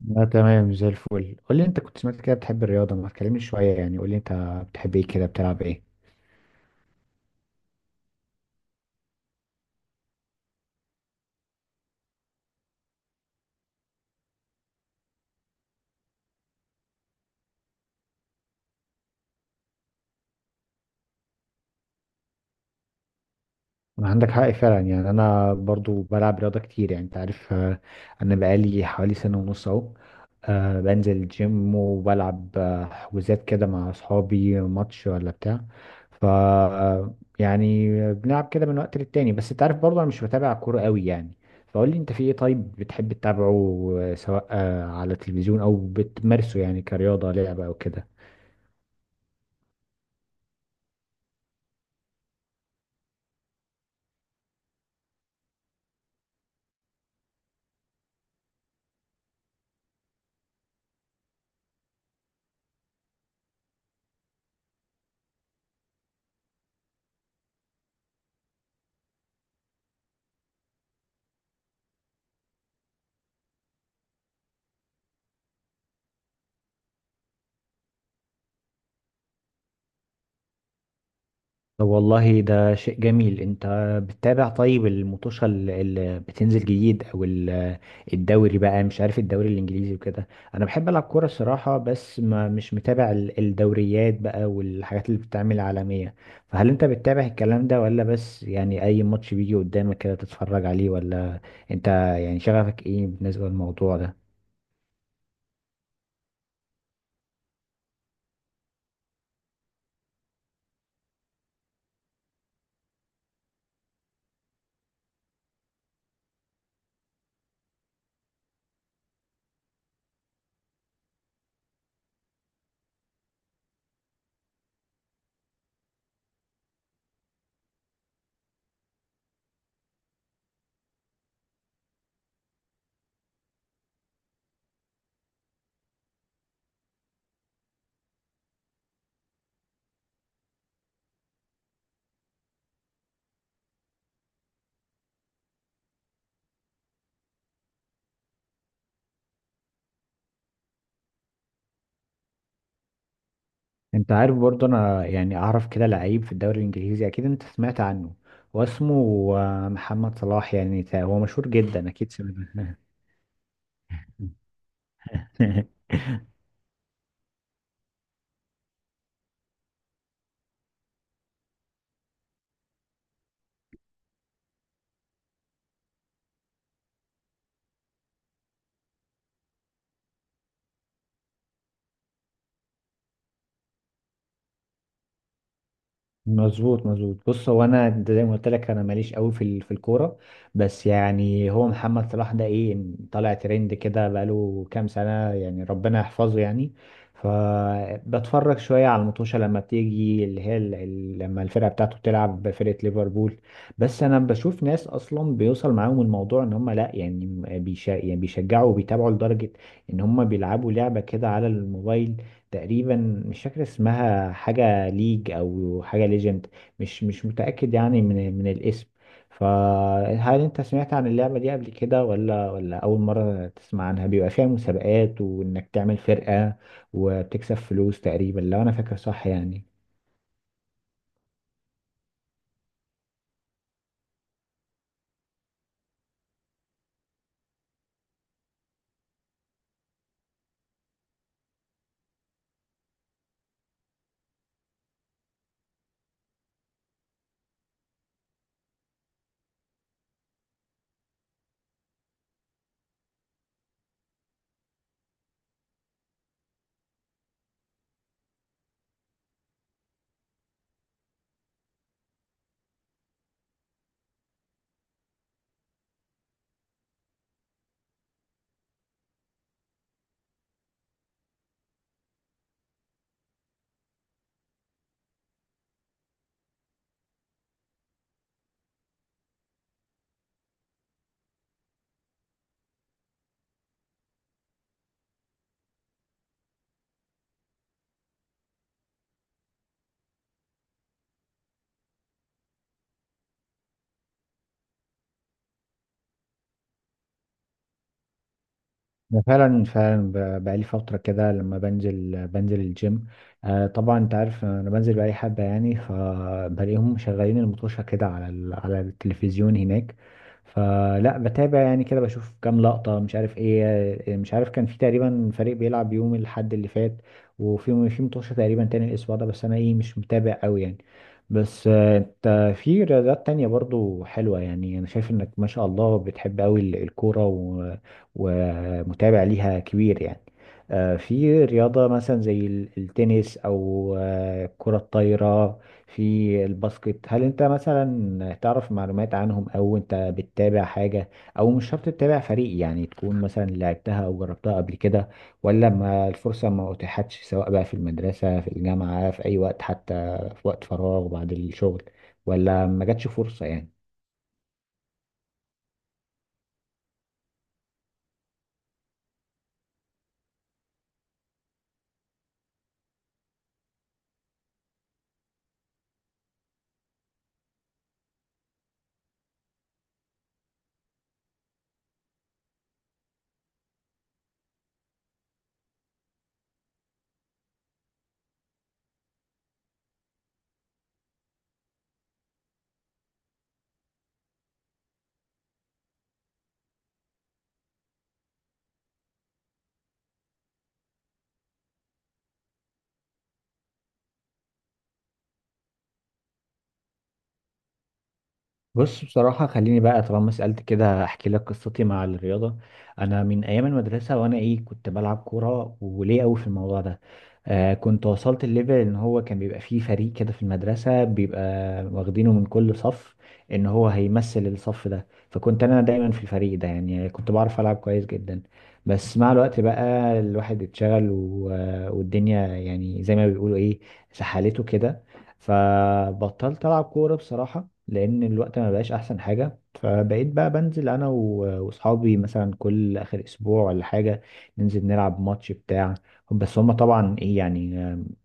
لا، تمام زي الفل. قول لي انت كنت سمعت كده، بتحب الرياضة؟ ما تكلمني شوية، يعني قول لي انت بتحب ايه كده، بتلعب ايه؟ عندك حق فعلا، يعني انا برضو بلعب رياضه كتير، يعني انت عارف. انا بقالي حوالي سنه ونص اهو. بنزل الجيم وبلعب حجوزات كده مع اصحابي، ماتش ولا بتاع. ف آه، يعني بنلعب كده من وقت للتاني، بس انت عارف برضو انا مش بتابع كوره قوي يعني. فقول لي انت في ايه، طيب بتحب تتابعه سواء على التلفزيون او بتمارسه يعني كرياضه لعبه او كده؟ طب والله ده شيء جميل. انت بتتابع طيب المطوشة اللي بتنزل جديد او الدوري بقى، مش عارف الدوري الانجليزي وكده؟ انا بحب العب كورة الصراحة، بس ما مش متابع الدوريات بقى والحاجات اللي بتتعمل عالمية. فهل انت بتتابع الكلام ده، ولا بس يعني اي ماتش بيجي قدامك كده تتفرج عليه ولا انت، يعني شغفك ايه بالنسبة للموضوع ده؟ انت عارف برضه، انا يعني اعرف كده لعيب في الدوري الانجليزي، اكيد انت سمعت عنه. هو اسمه محمد صلاح، يعني هو مشهور جدا، اكيد سمعت عنه. مظبوط مظبوط. بص، هو انا زي ما قلت لك، انا ماليش قوي في في الكوره، بس يعني هو محمد صلاح ده ايه، طالع ترند كده بقاله كام سنه، يعني ربنا يحفظه يعني. فبتفرج شويه على المطوشه لما بتيجي، اللي هي لما الفرقه بتاعته بتلعب بفرقه ليفربول. بس انا بشوف ناس اصلا بيوصل معاهم الموضوع ان هم، لا يعني، بيشا يعني بيشجعوا وبيتابعوا لدرجه ان هم بيلعبوا لعبه كده على الموبايل، تقريبا مش فاكر اسمها، حاجة ليج أو حاجة ليجند، مش متأكد يعني من الاسم. فهل أنت سمعت عن اللعبة دي قبل كده ولا أول مرة تسمع عنها؟ بيبقى فيها مسابقات وإنك تعمل فرقة وبتكسب فلوس، تقريبا لو أنا فاكر صح يعني. أنا فعلا فعلا بقالي فترة كده لما بنزل الجيم. آه طبعا أنت عارف أنا بنزل بقالي حبة يعني، فبلاقيهم مشغلين المطوشة كده على على التلفزيون هناك. فلا بتابع يعني كده بشوف كام لقطة، مش عارف إيه. مش عارف كان في تقريبا فريق بيلعب يوم الأحد اللي فات، وفي مطوشة تقريبا تاني الأسبوع ده، بس أنا إيه مش متابع أوي يعني. بس انت في رياضات تانية برضو حلوة، يعني انا شايف انك ما شاء الله بتحب قوي الكورة ومتابع ليها كبير يعني. في رياضة مثلا زي التنس أو كرة الطايرة، في الباسكت، هل أنت مثلا تعرف معلومات عنهم أو أنت بتتابع حاجة؟ أو مش شرط تتابع فريق، يعني تكون مثلا لعبتها أو جربتها قبل كده، ولا ما الفرصة ما أتيحتش، سواء بقى في المدرسة في الجامعة في أي وقت، حتى في وقت فراغ بعد الشغل، ولا ما جاتش فرصة يعني؟ بص بصراحة، خليني بقى طالما سألت كده أحكي لك قصتي مع الرياضة. أنا من أيام المدرسة وأنا إيه كنت بلعب كورة وليه أوي في الموضوع ده. آه كنت وصلت الليفل إن هو كان بيبقى فيه فريق كده في المدرسة، بيبقى واخدينه من كل صف، إن هو هيمثل الصف ده، فكنت أنا دايما في الفريق ده، يعني كنت بعرف ألعب كويس جدا. بس مع الوقت بقى الواحد اتشغل والدنيا يعني زي ما بيقولوا إيه، سحلته كده، فبطلت ألعب كورة بصراحة، لان الوقت ما بقاش احسن حاجه. فبقيت بقى بنزل انا واصحابي مثلا كل اخر اسبوع ولا حاجه، ننزل نلعب ماتش بتاع. بس هما طبعا ايه يعني،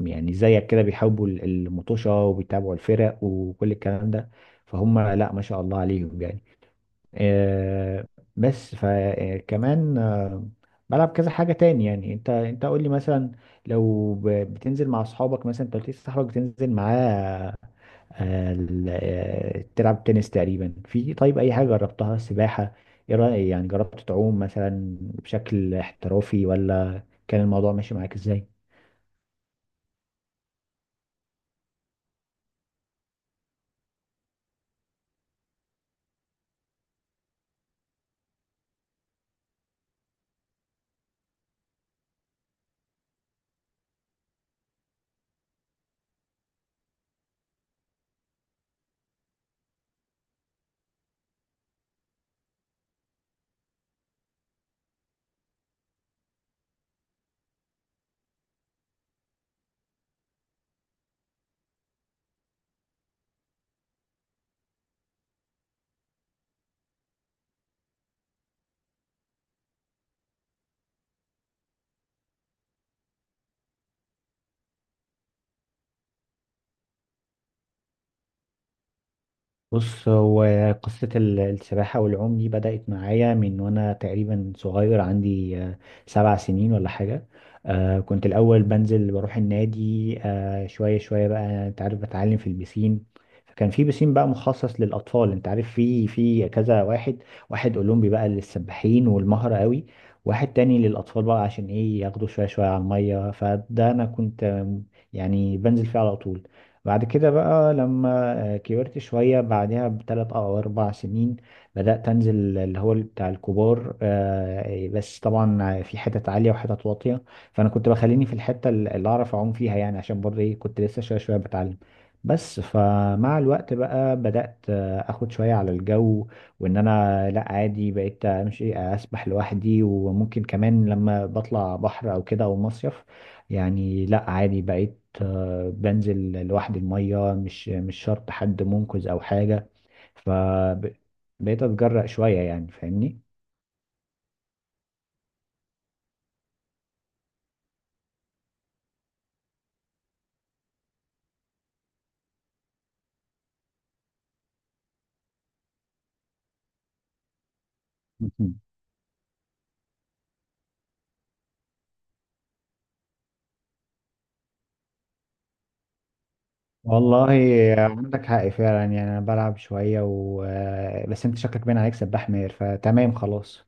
يعني زيك كده بيحبوا المطوشه وبيتابعوا الفرق وكل الكلام ده، فهم لا ما شاء الله عليهم يعني. آه، بس فكمان بلعب كذا حاجه تاني يعني. انت قول لي مثلا لو بتنزل مع اصحابك، مثلا انت قلت لي صاحبك بتنزل معاه تلعب تنس تقريبا في. طيب اي حاجه جربتها، سباحه ايه رايك يعني؟ جربت تعوم مثلا بشكل احترافي ولا كان الموضوع ماشي معاك ازاي؟ بص هو قصة السباحة والعوم دي بدأت معايا من وأنا تقريبا صغير، عندي 7 سنين ولا حاجة. كنت الأول بنزل بروح النادي شوية شوية بقى، أنت عارف بتعلم في البسين. فكان في بسين بقى مخصص للأطفال، أنت عارف في كذا واحد، واحد أولمبي بقى للسباحين والمهرة قوي، واحد تاني للأطفال بقى عشان إيه ياخدوا شوية شوية على المية. فده أنا كنت يعني بنزل فيه على طول. بعد كده بقى لما كبرت شوية، بعدها بثلاث أو أربع سنين بدأت أنزل اللي هو بتاع الكبار، بس طبعا في حتت عالية وحتت واطية، فأنا كنت بخليني في الحتة اللي أعرف أعوم فيها يعني، عشان برضه إيه كنت لسه شوية شوية بتعلم. بس فمع الوقت بقى بدأت أخد شوية على الجو، وإن أنا لأ عادي بقيت أمشي أسبح لوحدي، وممكن كمان لما بطلع بحر أو كده أو مصيف، يعني لا عادي بقيت بنزل لوحدي المية، مش شرط حد منقذ أو حاجة. فبقيت أتجرأ شوية يعني، فاهمني؟ مهم. والله عندك حق فعلا، يعني أنا بلعب شوية و... آه، بس أنت شكلك باين عليك سباح ماهر، فتمام خلاص.